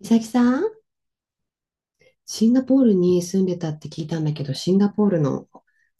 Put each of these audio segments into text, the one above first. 美咲さん、シンガポールに住んでたって聞いたんだけど、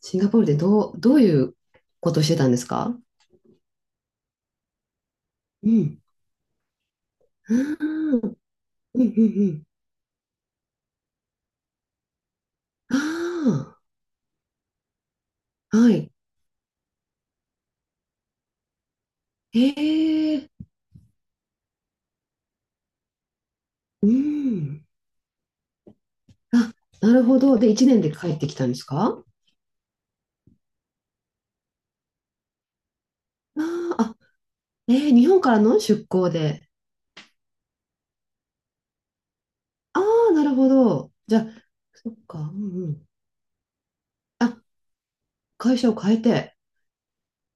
シンガポールでどういうことしてたんですか？うん。あーうんうんうん。ああ、はい。へえ、うん。あ、なるほど。で、1年で帰ってきたんですか？あーあ、えー日本からの出向で。ああ、なるほど。じゃあ、そっか、うんうん。あ、会社を変えて。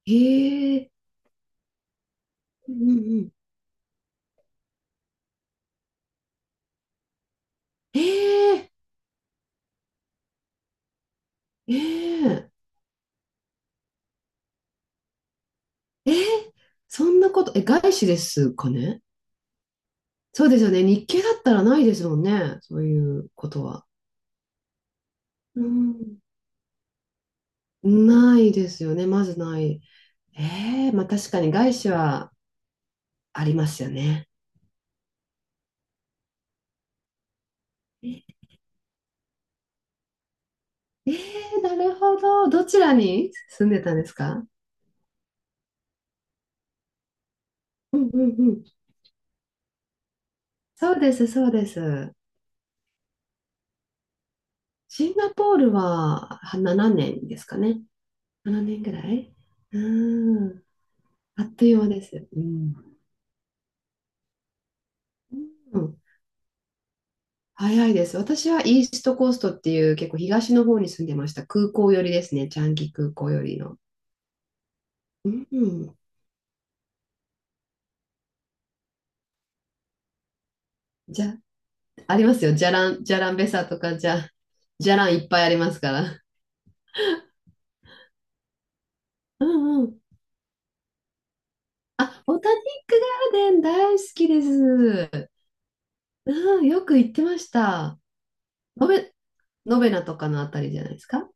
へえ、うんうんうん。ええ、ええ。えーそんなこと、え、外資ですかね？そうですよね。日系だったらないですもんね。そういうことは。うん。ないですよね。まずない。えー、まあ確かに外資はありますよね。えー、なるほど。どちらに住んでたんですか？うんうんうん。そうです、そうです。シンガポールはは年ですかね。7年ぐらい。うん。あっという間です。うん。早いです。私はイーストコーストっていう結構東の方に住んでました。空港寄りですね。チャンギ空港寄りの。うん。じゃ、ありますよ。じゃらん、じゃらんべさとか、じゃ、じゃらんいっぱいありますから。うんうん。あ、ボタニックガーデン大好きです。うん、よく行ってました。ノベ、ノベナとかのあたりじゃないですか。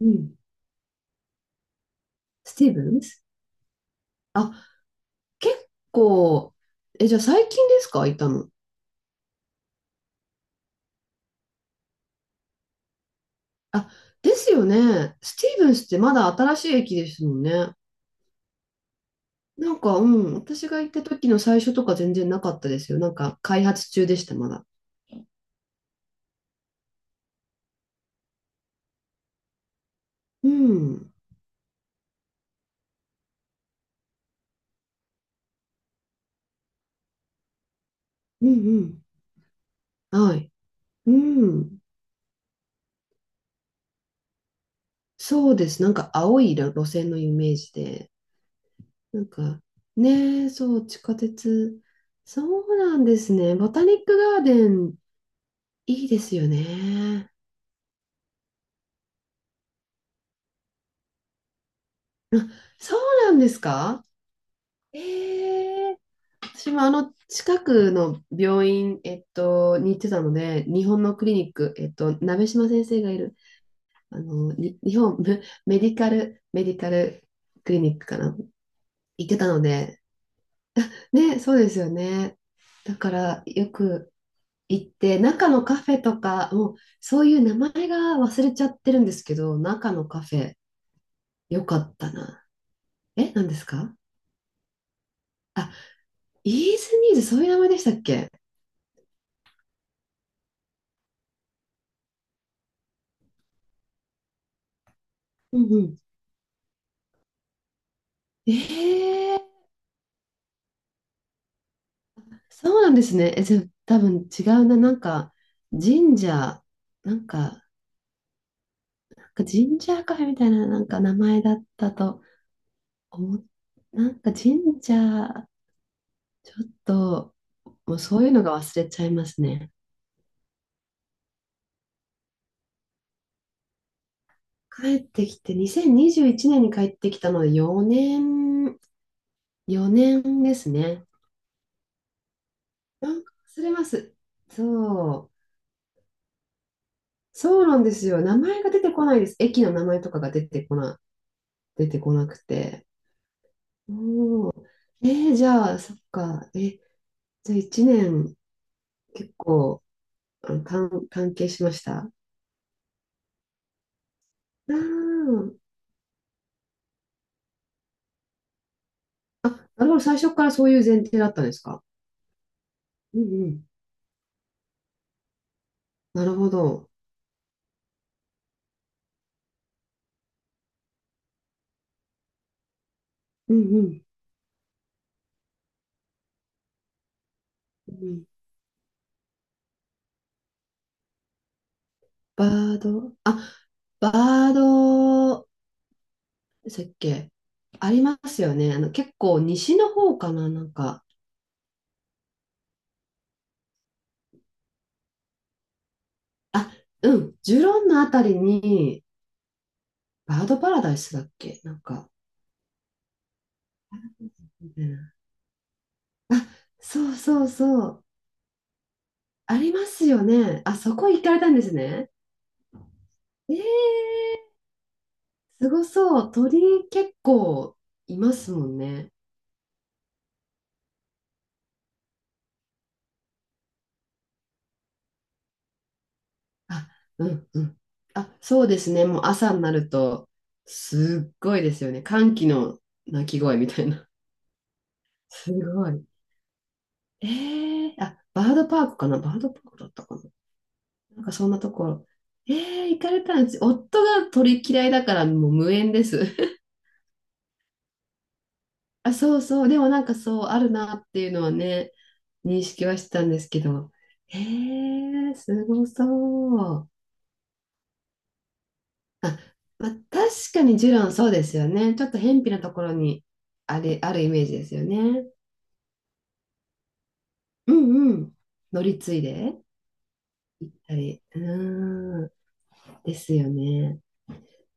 うん。スティーブンス。あ、結構、え、じゃあ最近ですか行ったの？あ、ですよね。スティーブンスってまだ新しい駅ですもんね。なんか、うん、私が行った時の最初とか全然なかったですよ。なんか、開発中でした、まだ。うん、うん、うん。はい。うん。そうです。なんか、青い路線のイメージで。なんか、ねえ、そう、地下鉄。そうなんですね。ボタニックガーデン、いいですよね。そうなんですか？ええ、私もあの近くの病院、に行ってたので、日本のクリニック、鍋島先生がいる、あの、に日本メ メディカル、メディカルクリニックかな、行ってたので、ね、そうですよね。だからよく行って、中のカフェとか、もうそういう名前が忘れちゃってるんですけど、中のカフェ、よかったな。え、何ですか？あ、イーズニーズ、そういう名前でしたっけ？うんうん。えーそうなんですね。え、じゃあ、多分違うな。なんか、神社、なんか、なんか神社カフェみたいな、なんか名前だったと思っ、なんか神社、ちょっと、もうそういうのが忘れちゃいますね。帰ってきて、2021年にじゅういちねんに帰ってきたので4年、4年ですね。なんか忘れます。そう。そうなんですよ。名前が出てこないです。駅の名前とかが出てこな、出てこなくて。おーえーじゃあ、そっか。え、じゃあ1年結構あの関関係しました。あーあ、なるほど。最初からそういう前提だったんですか。うんうん。なるほど。うんうん。うん、バード、あ、バード、でしたっけ？ありますよね。あの、結構西の方かな、なんか。あ、うん。ジュロンのあたりに、バードパラダイスだっけ、なんか。うん、あ、そうそうそう。ありますよね。あ、そこ行かれたんですね。えー、すごそう。鳥結構いますもんね。あ、うんうん。あ、そうですね。もう朝になると、すっごいですよね。歓喜の鳴き声みたいな。すごい。えー、あ、バードパークかな、バードパークだったかな、なんかそんなところ。えー、行かれたんです。夫が鳥嫌いだからもう無縁です。あ、そうそう。でもなんかそうあるなっていうのはね。認識はしてたんですけど、へえ、すごそう。あ、まあ、確かにジュランそうですよね。ちょっと偏僻なところにあれ、あるイメージですよね。うんうん。乗り継いで、やっぱり。うーん。ですよね。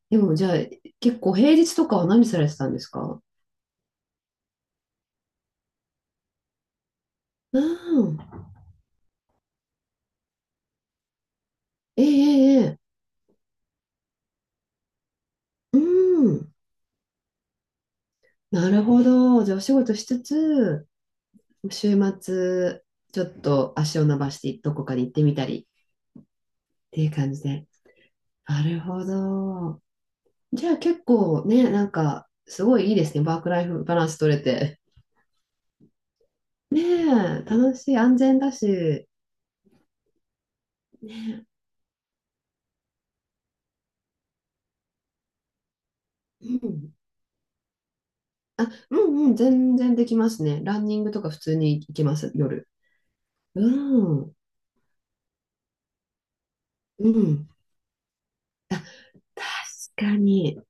でもじゃあ、結構平日とかは何されてたんですか？うん。ええええ。ええ、うん。なるほど。じゃあ、お仕事しつつ、週末、ちょっと足を伸ばしてどこかに行ってみたりっていう感じで。なるほど。じゃあ結構ね、なんか、すごいいいですね。ワークライフバランス取れて。ねえ、楽しい、安全だし。ねえ、うん。あ、うんうん、全然できますね。ランニングとか普通に行けます、夜。うん、うん。確かに。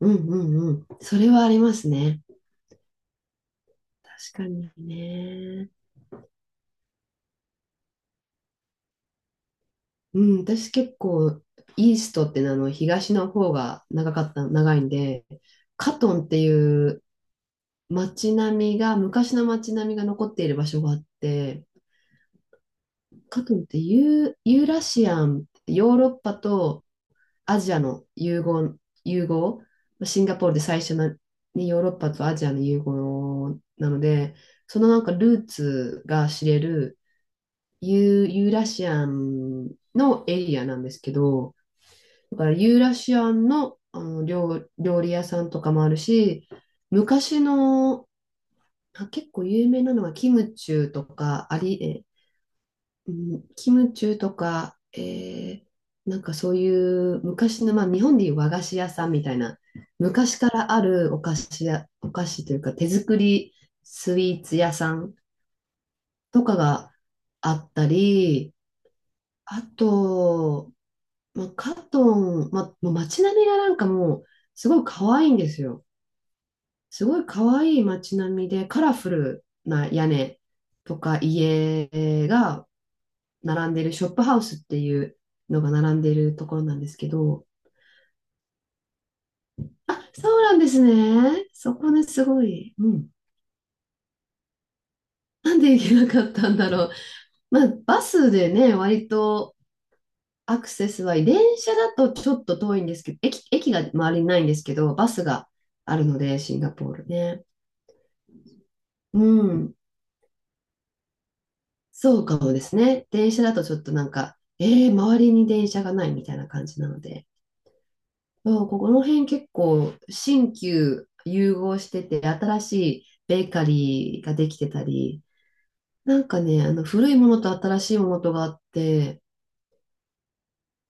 うんうんうん。それはありますね。確かにね。うん、私結構、イーストっていうのはあの東の方が長かった、長いんで、カトンっていう街並みが、昔の街並みが残っている場所があって、かといってユー、ユーラシアン、ヨーロッパとアジアの融合、融合、シンガポールで最初の、ね、ヨーロッパとアジアの融合なので、そのなんかルーツが知れるユー、ユーラシアンのエリアなんですけど、だからユーラシアンの、あの料、料理屋さんとかもあるし、昔のあ結構有名なのはキムチューとか、あり、え、うん、キムチューとか、えーなんかそういう昔の、まあ、日本でいう和菓子屋さんみたいな、昔からあるお菓子や、お菓子というか手作りスイーツ屋さんとかがあったり、あと、まあ、カトン、まあ、もう街並みがなんかもうすごい可愛いんですよ。すごい可愛い街並みでカラフルな屋根とか家が並んでるショップハウスっていうのが並んでるところなんですけど、あ、そうなんですね。そこね、すごい。うん。なんで行けなかったんだろう。まあ、バスでね、割とアクセスはいい。電車だとちょっと遠いんですけど、駅が周りにないんですけど、バスがあるので、シンガポールね。うん。そうかもですね。電車だとちょっとなんか、えー、周りに電車がないみたいな感じなので、そうここの辺結構新旧融合してて、新しいベーカリーができてたり、なんかね、あの古いものと新しいものとがあって、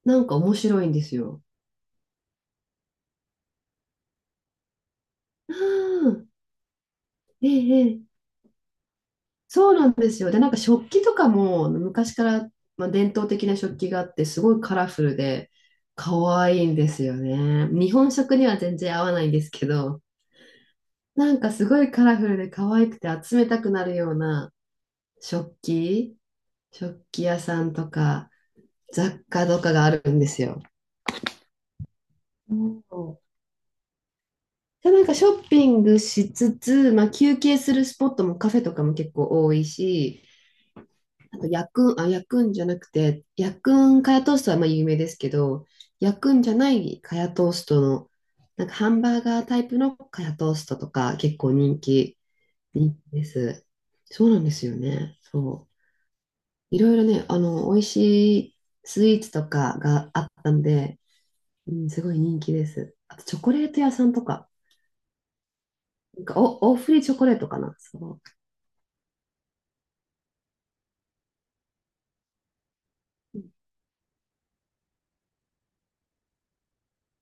なんか面白いんですよ。ああ、ええええ、そうなんですよ。で、なんか食器とかも昔から、まあ、伝統的な食器があって、すごいカラフルで可愛いんですよね。日本食には全然合わないんですけど、なんかすごいカラフルで可愛くて集めたくなるような食器、食器屋さんとか雑貨とかがあるんですよ。うん、で、なんかショッピングしつつ、まあ、休憩するスポットもカフェとかも結構多いし、あと、ヤクン、あ、ヤクンじゃなくて、ヤクンカヤトーストはまあ有名ですけど、ヤクンじゃないカヤトーストの、なんかハンバーガータイプのカヤトーストとか結構人気、人気です。そうなんですよね。そう。いろいろね、あの、美味しいスイーツとかがあったんで、うん、すごい人気です。あと、チョコレート屋さんとか、なんかお、大振りチョコレートかな。そ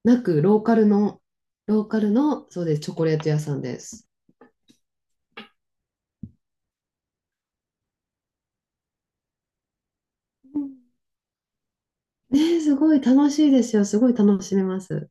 う。なく、ローカルの、ローカルの、そうです、チョコレート屋さんです。ねえ、すごい楽しいですよ。すごい楽しめます。